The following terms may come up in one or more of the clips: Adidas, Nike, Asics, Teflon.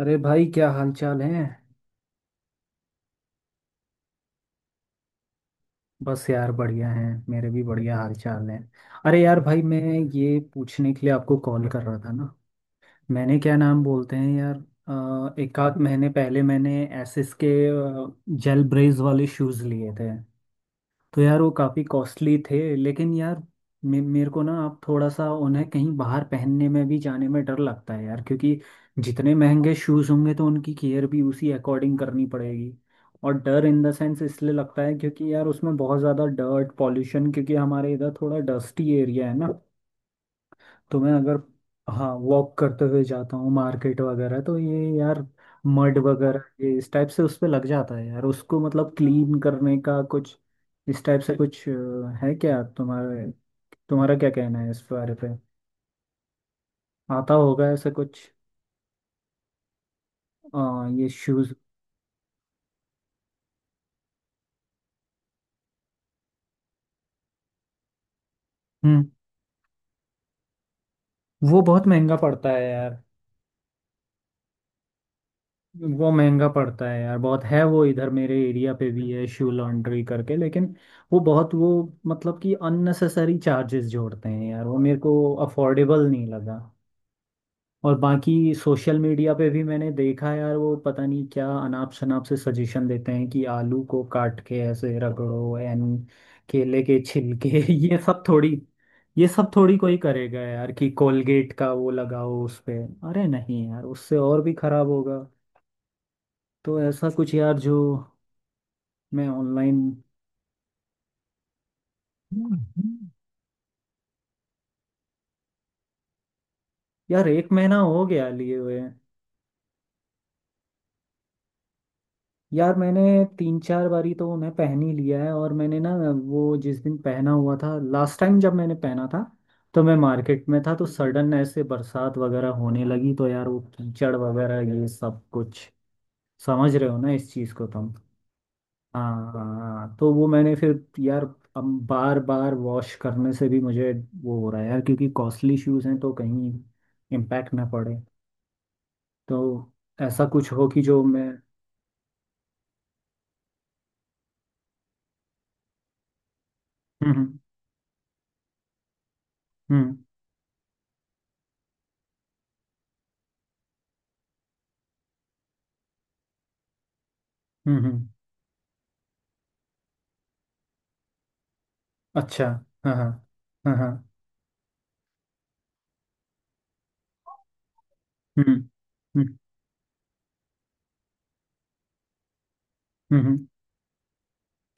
अरे भाई क्या हाल चाल है। बस यार बढ़िया है। मेरे भी बढ़िया हाल चाल है। अरे यार भाई मैं ये पूछने के लिए आपको कॉल कर रहा था ना। मैंने क्या नाम बोलते हैं यार, एक आध महीने पहले मैंने एसिस के जेल ब्रेस वाले शूज़ लिए थे। तो यार वो काफ़ी कॉस्टली थे, लेकिन यार मे मेरे को ना अब थोड़ा सा उन्हें कहीं बाहर पहनने में भी जाने में डर लगता है यार, क्योंकि जितने महंगे शूज़ होंगे तो उनकी केयर भी उसी अकॉर्डिंग करनी पड़ेगी। और डर इन द सेंस इसलिए लगता है क्योंकि यार उसमें बहुत ज़्यादा डर्ट पॉल्यूशन, क्योंकि हमारे इधर थोड़ा डस्टी एरिया है ना। तो मैं अगर हाँ वॉक करते हुए जाता हूँ मार्केट वगैरह तो ये यार मड वगैरह ये इस टाइप से उस पे लग जाता है यार, उसको मतलब क्लीन करने का कुछ इस टाइप से कुछ है क्या तुम्हारे? तुम्हारा क्या कहना है इस बारे पे? आता होगा ऐसे कुछ? अ, ये शूज। हम्म। वो बहुत महंगा पड़ता है यार। वो महंगा पड़ता है यार, बहुत है वो इधर मेरे एरिया पे भी है शू लॉन्ड्री करके, लेकिन वो बहुत वो मतलब कि अननेसेसरी चार्जेस जोड़ते हैं यार, वो मेरे को अफोर्डेबल नहीं लगा। और बाकी सोशल मीडिया पे भी मैंने देखा यार, वो पता नहीं क्या अनाप शनाप से सजेशन देते हैं कि आलू को काट के ऐसे रगड़ो एंड केले के छिलके ये सब थोड़ी, ये सब थोड़ी कोई करेगा यार, कि कोलगेट का वो लगाओ उस पे। अरे नहीं यार, उससे और भी खराब होगा। तो ऐसा कुछ यार जो मैं ऑनलाइन। यार एक महीना हो गया लिए हुए। यार मैंने तीन चार बारी तो उन्हें पहन ही लिया है। और मैंने ना वो जिस दिन पहना हुआ था लास्ट टाइम जब मैंने पहना था, तो मैं मार्केट में था तो सडन ऐसे बरसात वगैरह होने लगी तो यार वो कीचड़ वगैरह ये सब कुछ। समझ रहे हो ना इस चीज़ को तुम? हाँ हाँ, तो वो मैंने फिर यार अब बार बार वॉश करने से भी मुझे वो हो रहा है यार, क्योंकि कॉस्टली शूज़ हैं तो कहीं इम्पैक्ट ना पड़े। तो ऐसा कुछ हो कि जो मैं। हम्म। हम्म। हम्म। अच्छा। हाँ हाँ हाँ हाँ। हम्म हम्म। हम्म हम्म,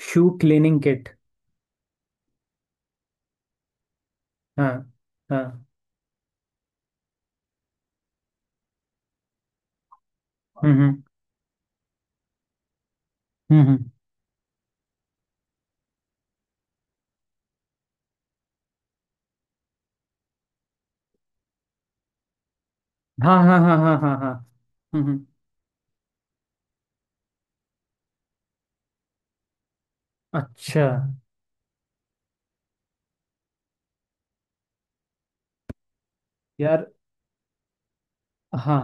शू क्लीनिंग किट। हाँ हाँ। हम्म हम्म हम्म, हम्म, हाँ हाँ हाँ हाँ हाँ हाँ। हम्म हम्म, अच्छा। यार हाँ।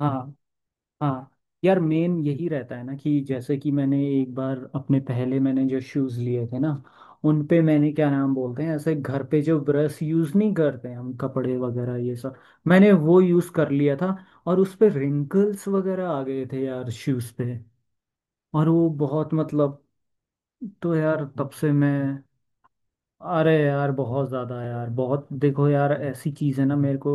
हाँ हाँ। यार मेन यही रहता है ना कि जैसे कि मैंने एक बार अपने पहले मैंने जो शूज़ लिए थे ना, उन पे मैंने क्या नाम बोलते हैं ऐसे घर पे जो ब्रश यूज़ नहीं करते हम कपड़े वगैरह ये सब, मैंने वो यूज़ कर लिया था। और उस पे रिंकल्स वगैरह आ गए थे यार शूज़ पे, और वो बहुत मतलब तो यार तब से मैं। अरे यार बहुत ज़्यादा यार बहुत। देखो यार ऐसी चीज़ है ना, मेरे को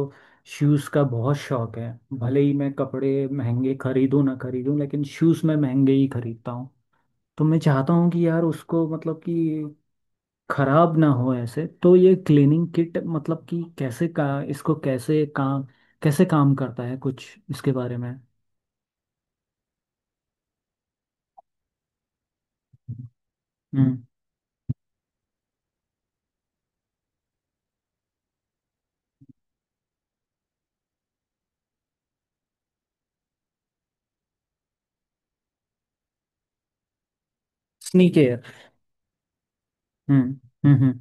शूज़ का बहुत शौक है। भले ही मैं कपड़े महंगे खरीदूं ना खरीदूं, लेकिन शूज़ मैं महंगे ही खरीदता हूँ। तो मैं चाहता हूँ कि यार उसको मतलब कि खराब ना हो ऐसे। तो ये क्लीनिंग किट मतलब कि कैसे का इसको कैसे काम, कैसे काम करता है कुछ इसके बारे में? हम्म। Sneak care. हम्म हम्म।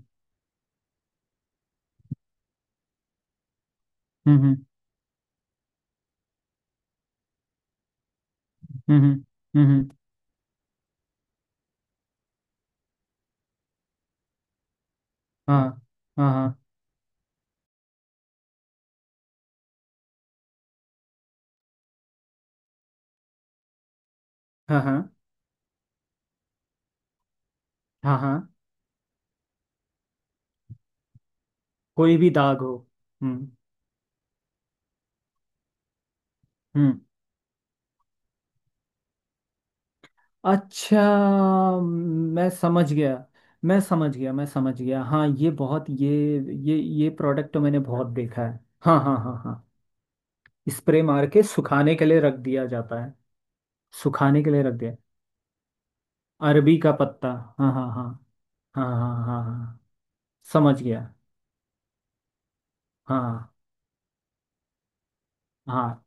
हम्म हम्म हम्म हम्म, हाँ हाँ हाँ हाँ हाँ हाँ हाँ। कोई भी दाग हो। हम्म हम्म, अच्छा। मैं समझ गया। मैं समझ गया, मैं समझ गया, हाँ ये बहुत ये प्रोडक्ट तो मैंने बहुत देखा है। हाँ हाँ हाँ हाँ। स्प्रे मार के सुखाने के लिए रख दिया जाता है। सुखाने के लिए रख दिया। अरबी का पत्ता। हाँ हाँ हाँ। हाँ हाँ हाँ हाँ। समझ गया। हाँ हाँ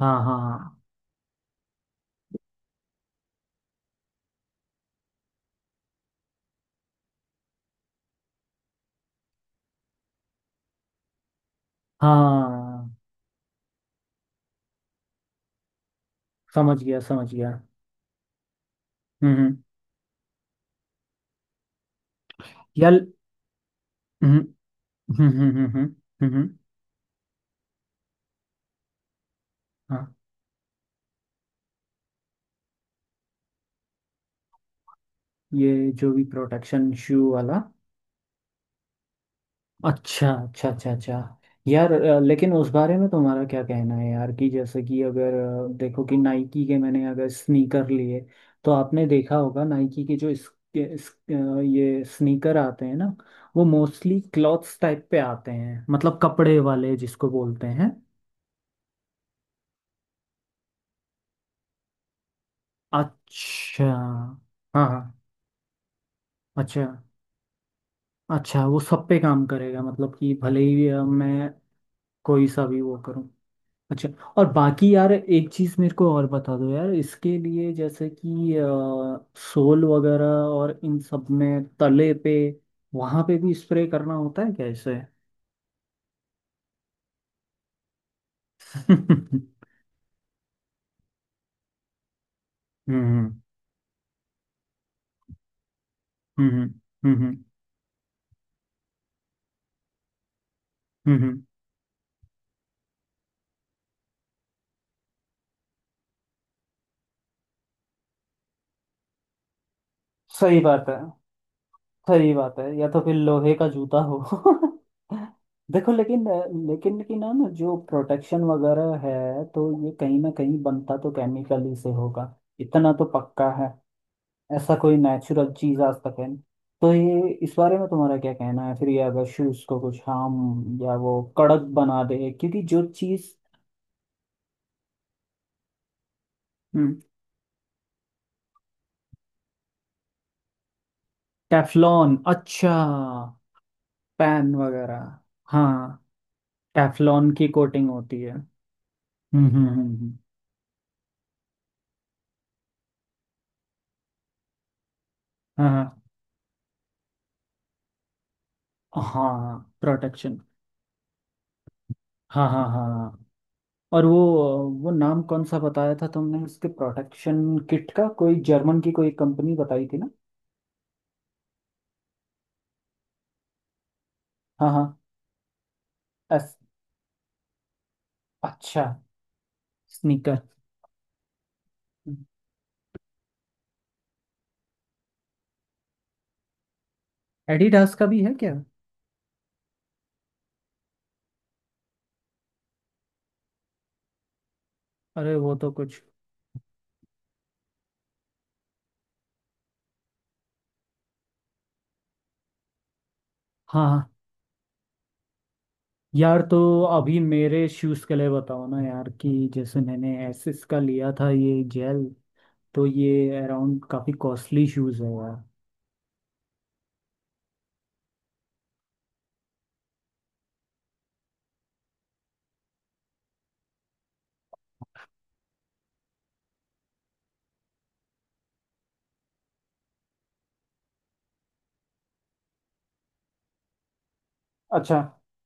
हाँ, हाँ हाँ हाँ, समझ गया समझ गया। हम्म। यार हम्म हम्म हम्म हम्म हम्म हम्म, हाँ। ये जो भी प्रोटेक्शन शू वाला। अच्छा अच्छा अच्छा अच्छा। यार लेकिन उस बारे में तुम्हारा क्या कहना है यार कि जैसे कि अगर देखो कि नाइकी के मैंने अगर स्नीकर लिए, तो आपने देखा होगा नाइकी के जो इस, के- इस, ये स्नीकर आते हैं ना, वो मोस्टली क्लॉथ्स टाइप पे आते हैं, मतलब कपड़े वाले जिसको बोलते हैं। अच्छा। हाँ हाँ। अच्छा अच्छा, वो सब पे काम करेगा मतलब कि भले ही मैं कोई सा भी वो करूँ। अच्छा। और बाकी यार एक चीज़ मेरे को और बता दो यार इसके लिए, जैसे कि सोल वगैरह और इन सब में तले पे, वहाँ पे भी स्प्रे करना होता है कैसे? हम्म हम्म हम्म हम्म। सही बात है, सही बात है, या तो फिर लोहे का जूता हो। देखो लेकिन लेकिन कि ना ना जो प्रोटेक्शन वगैरह है तो ये कहीं ना कहीं बनता तो केमिकल ही से होगा, इतना तो पक्का है। ऐसा कोई नेचुरल चीज आज तक है नहीं। तो ये इस बारे में तुम्हारा क्या कहना है फिर, ये अगर शूज को कुछ हम या वो कड़क बना दे क्योंकि जो चीज। हम्म। टेफलॉन अच्छा। पैन वगैरह। हाँ टेफलॉन की कोटिंग होती है। हम्म हम्म हम्म, हम्म, हाँ हाँ प्रोटेक्शन। हाँ हाँ हाँ हाँ। और वो नाम कौन सा बताया था तुमने इसके, प्रोटेक्शन किट का कोई जर्मन की कोई कंपनी बताई थी ना। हाँ हाँ। एस। अच्छा स्नीकर। एडिडास का भी है क्या? अरे वो तो कुछ। हाँ हाँ। यार तो अभी मेरे शूज़ के लिए बताओ ना यार, कि जैसे मैंने एसिस का लिया था ये जेल, तो ये अराउंड काफ़ी कॉस्टली शूज़ है यार। अच्छा।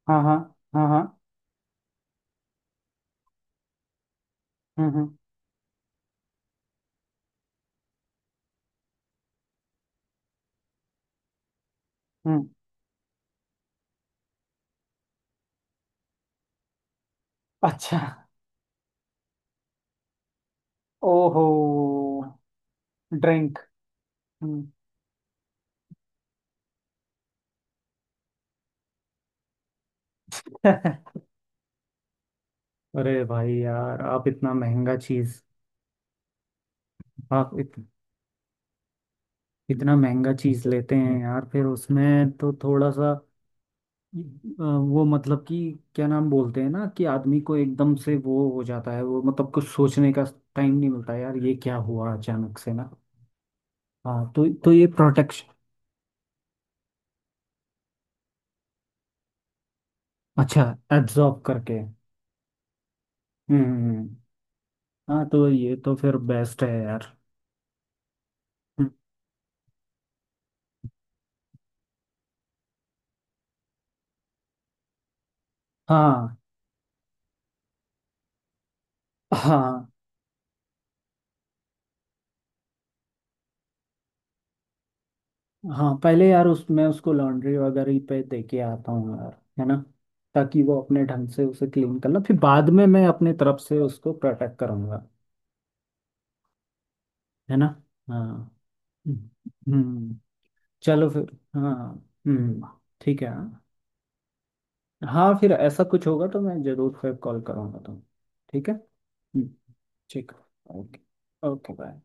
हाँ हाँ। हाँ हाँ। हम्म हम्म हम्म, अच्छा। ओहो। ड्रिंक। अरे भाई यार आप इतना महंगा चीज़। आप इत, इतना महंगा चीज़ लेते हैं यार, फिर उसमें तो थोड़ा सा वो मतलब कि क्या नाम बोलते हैं ना कि आदमी को एकदम से वो हो जाता है वो मतलब कुछ सोचने का टाइम नहीं मिलता यार, ये क्या हुआ अचानक से ना। हाँ तो ये प्रोटेक्शन। अच्छा। एब्जॉर्ब करके। हम्म हम्म, हम्म। हाँ तो ये तो फिर बेस्ट है यार। हम्म, हाँ हाँ। हाँ पहले यार उस मैं उसको लॉन्ड्री वगैरह पे दे के आता हूँ यार, है ना, ताकि वो अपने ढंग से उसे क्लीन कर ले, फिर बाद में मैं अपने तरफ से उसको प्रोटेक्ट करूंगा। है ना। हाँ। हम्म हम्म। चलो फिर हाँ। हम्म। ठीक है हाँ। हाँ फिर ऐसा कुछ होगा तो मैं जरूर फिर कॉल करूँगा तुम। ठीक है। हम्म, ठीक है। ओके। Okay bye.